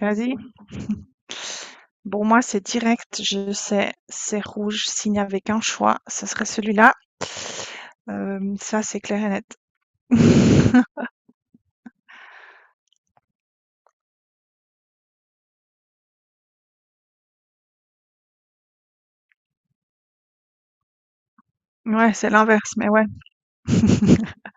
Vas-y. Bon, moi, c'est direct, je sais, c'est rouge. S'il n'y avait qu'un choix, ce serait celui-là. Ça, c'est clair et net. Ouais, c'est l'inverse, mais ouais.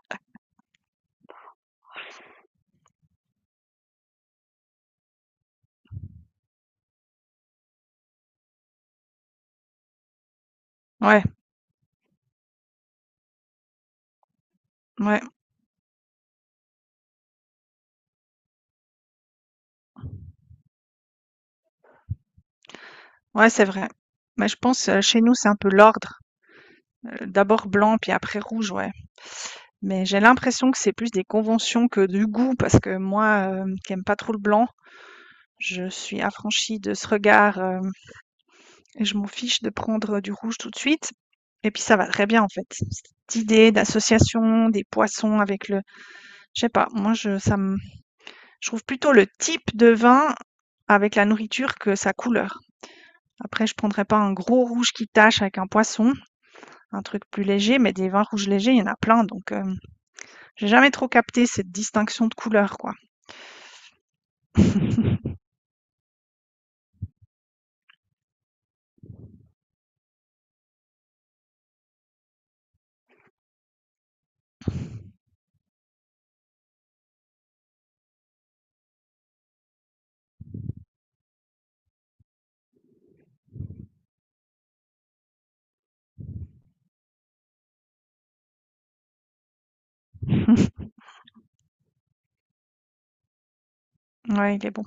Ouais, ouais, ouais, c'est vrai. Mais je pense, chez nous, c'est un peu l'ordre. D'abord blanc, puis après rouge, ouais. Mais j'ai l'impression que c'est plus des conventions que du goût parce que moi, qui aime pas trop le blanc, je suis affranchie de ce regard, hem et je m'en fiche de prendre du rouge tout de suite et puis ça va très bien en fait. Cette idée d'association des poissons avec le je sais pas, moi je ça me je trouve plutôt le type de vin avec la nourriture que sa couleur. Après je prendrais pas un gros rouge qui tache avec un poisson, un truc plus léger, mais des vins rouges légers, il y en a plein donc, j'ai jamais trop capté cette distinction de couleur quoi. Ouais, il est bon.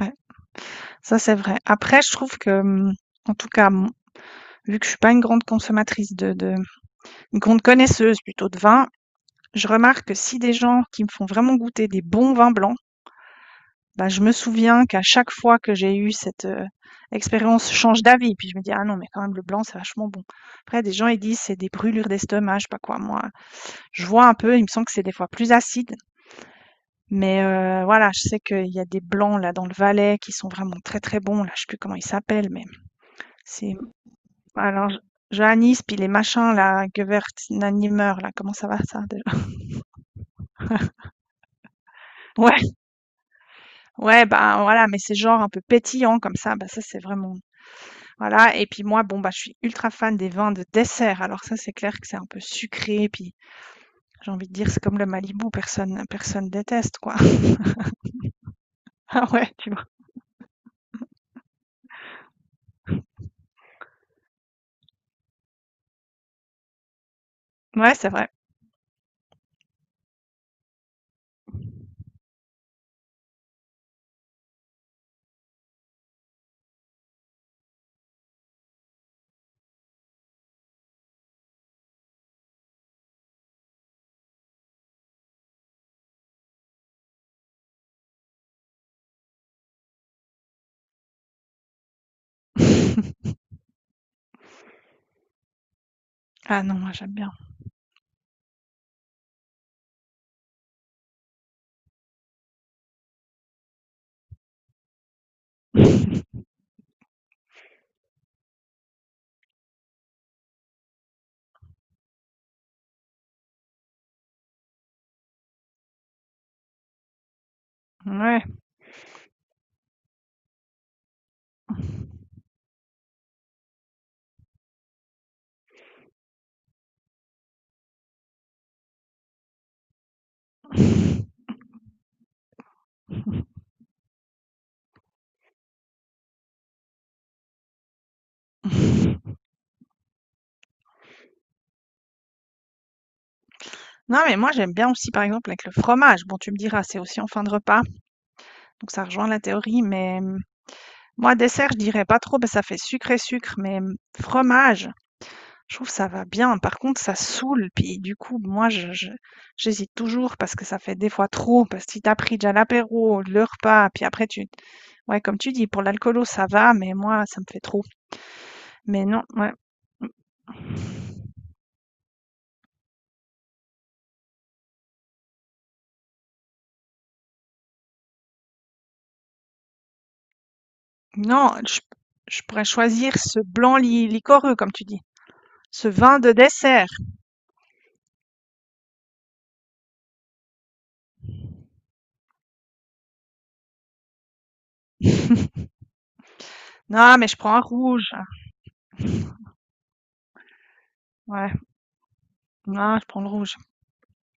Ouais, ça c'est vrai. Après, je trouve que, mmh, en tout cas, mon vu que je suis pas une grande consommatrice de, une grande connaisseuse plutôt de vin, je remarque que si des gens qui me font vraiment goûter des bons vins blancs, bah, je me souviens qu'à chaque fois que j'ai eu cette, expérience, je change d'avis. Puis je me dis: «Ah non, mais quand même le blanc, c'est vachement bon». Après des gens, ils disent: «C'est des brûlures d'estomac», je sais pas quoi. Moi, je vois un peu, il me semble que c'est des fois plus acide, mais voilà, je sais qu'il y a des blancs là dans le Valais qui sont vraiment très, très bons. Là, je sais plus comment ils s'appellent, mais c'est alors Johannis puis les machins là, Gewirtz, nanimer là, comment ça va ça déjà? Ouais, ouais, bah voilà, mais c'est genre un peu pétillant comme ça, bah ça c'est vraiment voilà. Et puis moi, bon bah je suis ultra fan des vins de dessert. Alors ça c'est clair que c'est un peu sucré, puis j'ai envie de dire c'est comme le Malibu, personne déteste quoi. Ah ouais, tu vois. Ouais, c'est vrai. Ah non, moi j'aime bien. Ouais. Non, mais moi j'aime bien aussi par exemple avec le fromage. Bon, tu me diras, c'est aussi en fin de repas, donc ça rejoint la théorie, mais moi dessert, je dirais pas trop, parce que ça fait sucré-sucre, mais fromage, je trouve ça va bien. Par contre, ça saoule, puis du coup, j'hésite toujours parce que ça fait des fois trop, parce que si t'as pris déjà l'apéro, le repas, puis après tu... Ouais, comme tu dis, pour l'alcoolo ça va, mais moi ça me fait trop. Mais non, ouais. Hum, non, je pourrais choisir ce blanc liquoreux, comme tu dis, ce vin de dessert. Non, mais je prends un rouge. Ouais, non, je prends le rouge,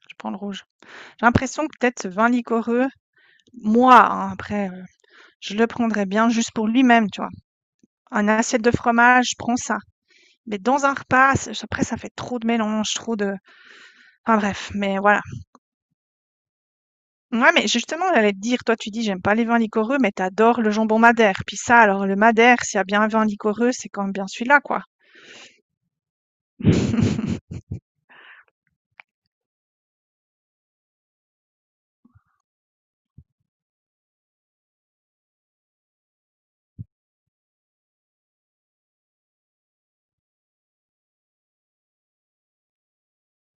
je prends le rouge. J'ai l'impression que peut-être ce vin liquoreux, moi, hein, après, je le prendrais bien juste pour lui-même, tu vois? Un assiette de fromage, je prends ça. Mais dans un repas, c'est après ça fait trop de mélange, trop de enfin bref, mais voilà. Ouais, mais justement, j'allais te dire, toi, tu dis: «J'aime pas les vins liquoreux», mais t'adores le jambon madère. Puis ça, alors le madère, s'il y a bien un vin liquoreux, c'est quand même bien celui-là, quoi.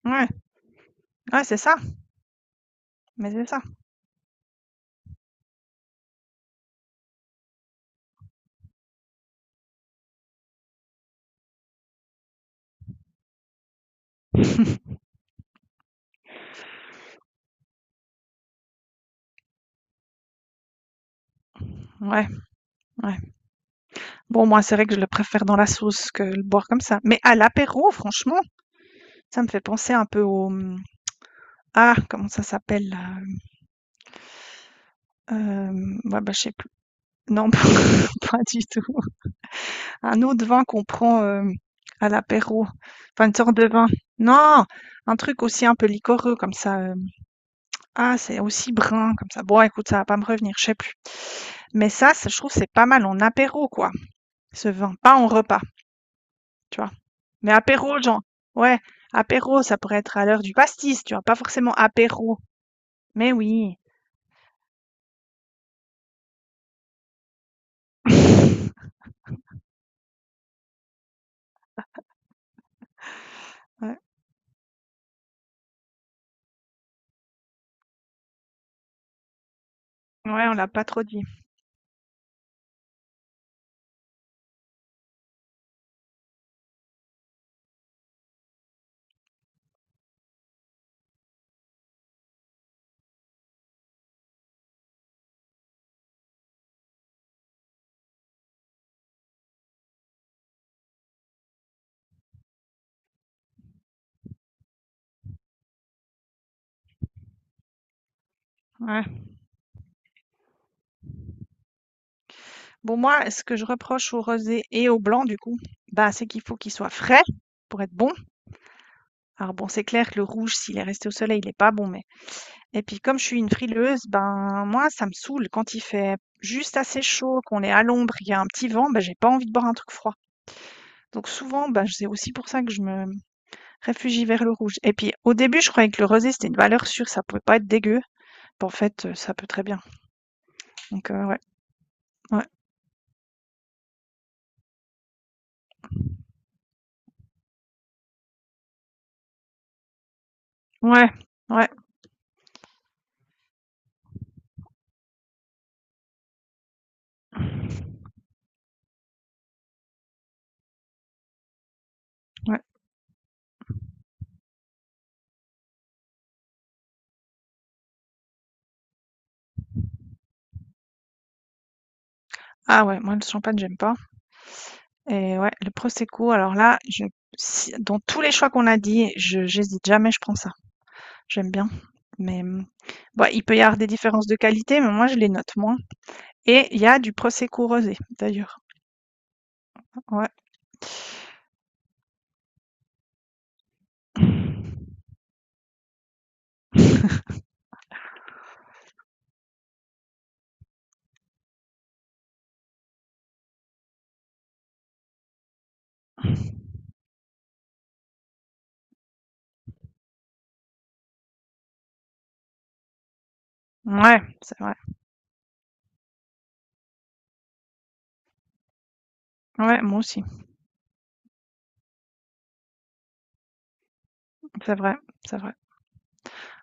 Ouais, ouais, c'est ça, mais c'est ça. Ouais, ouais. Bon, moi, c'est vrai que je le préfère dans la sauce que le boire comme ça. Mais à l'apéro, franchement, ça me fait penser un peu au... ah, comment ça s'appelle? Là, Euh, ouais, bah, je sais plus. Non, pas du tout. Un autre vin qu'on prend à l'apéro. Enfin, une sorte de vin. Non, un truc aussi un peu liquoreux comme ça. Ah, c'est aussi brun comme ça. Bon, écoute, ça va pas me revenir, je sais plus. Mais ça, je trouve, c'est pas mal en apéro, quoi. Ce vin, pas en repas, tu vois. Mais apéro, genre. Ouais, apéro, ça pourrait être à l'heure du pastis, tu vois. Pas forcément apéro. Mais oui. Ouais, ouais, on l'a pas trop dit. Ouais. Bon, moi, ce que je reproche au rosé et au blanc, du coup, bah, c'est qu'il faut qu'il soit frais pour être bon. Alors bon, c'est clair que le rouge, s'il est resté au soleil, il est pas bon, mais et puis comme je suis une frileuse, ben moi, ça me saoule quand il fait juste assez chaud, qu'on est à l'ombre, qu'il y a un petit vent, ben j'ai pas envie de boire un truc froid. Donc souvent, ben c'est aussi pour ça que je me réfugie vers le rouge. Et puis au début, je croyais que le rosé, c'était une valeur sûre, ça pouvait pas être dégueu. Ben, en fait, ça peut très bien. Donc ouais, ouais, ouais, ouais, ouais. Ah ouais, moi le champagne, j'aime pas. Et ouais, le prosecco, alors là, je, dans tous les choix qu'on a dit, je, j'hésite jamais, je prends ça. J'aime bien. Mais, bon, il peut y avoir des différences de qualité, mais moi je les note moins. Et il y a du prosecco rosé d'ailleurs. Ouais. Ouais, c'est vrai. Ouais, moi aussi. C'est vrai, c'est vrai.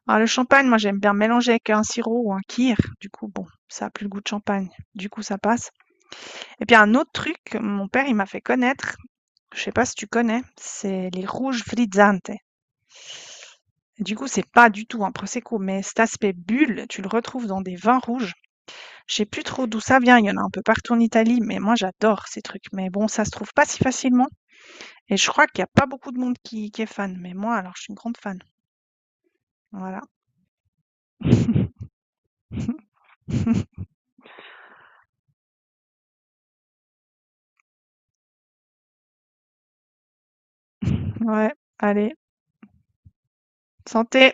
Alors le champagne, moi j'aime bien mélanger avec un sirop ou un kir. Du coup, bon, ça a plus le goût de champagne. Du coup, ça passe. Et puis un autre truc, mon père il m'a fait connaître. Je sais pas si tu connais, c'est les rouges frizzante. Du coup, c'est pas du tout un prosecco, mais cet aspect bulle, tu le retrouves dans des vins rouges. Je sais plus trop d'où ça vient, il y en a un peu partout en Italie, mais moi j'adore ces trucs. Mais bon, ça se trouve pas si facilement et je crois qu'il y a pas beaucoup de monde qui est fan. Mais moi, alors, je suis une grande fan. Voilà. Ouais, allez, santé!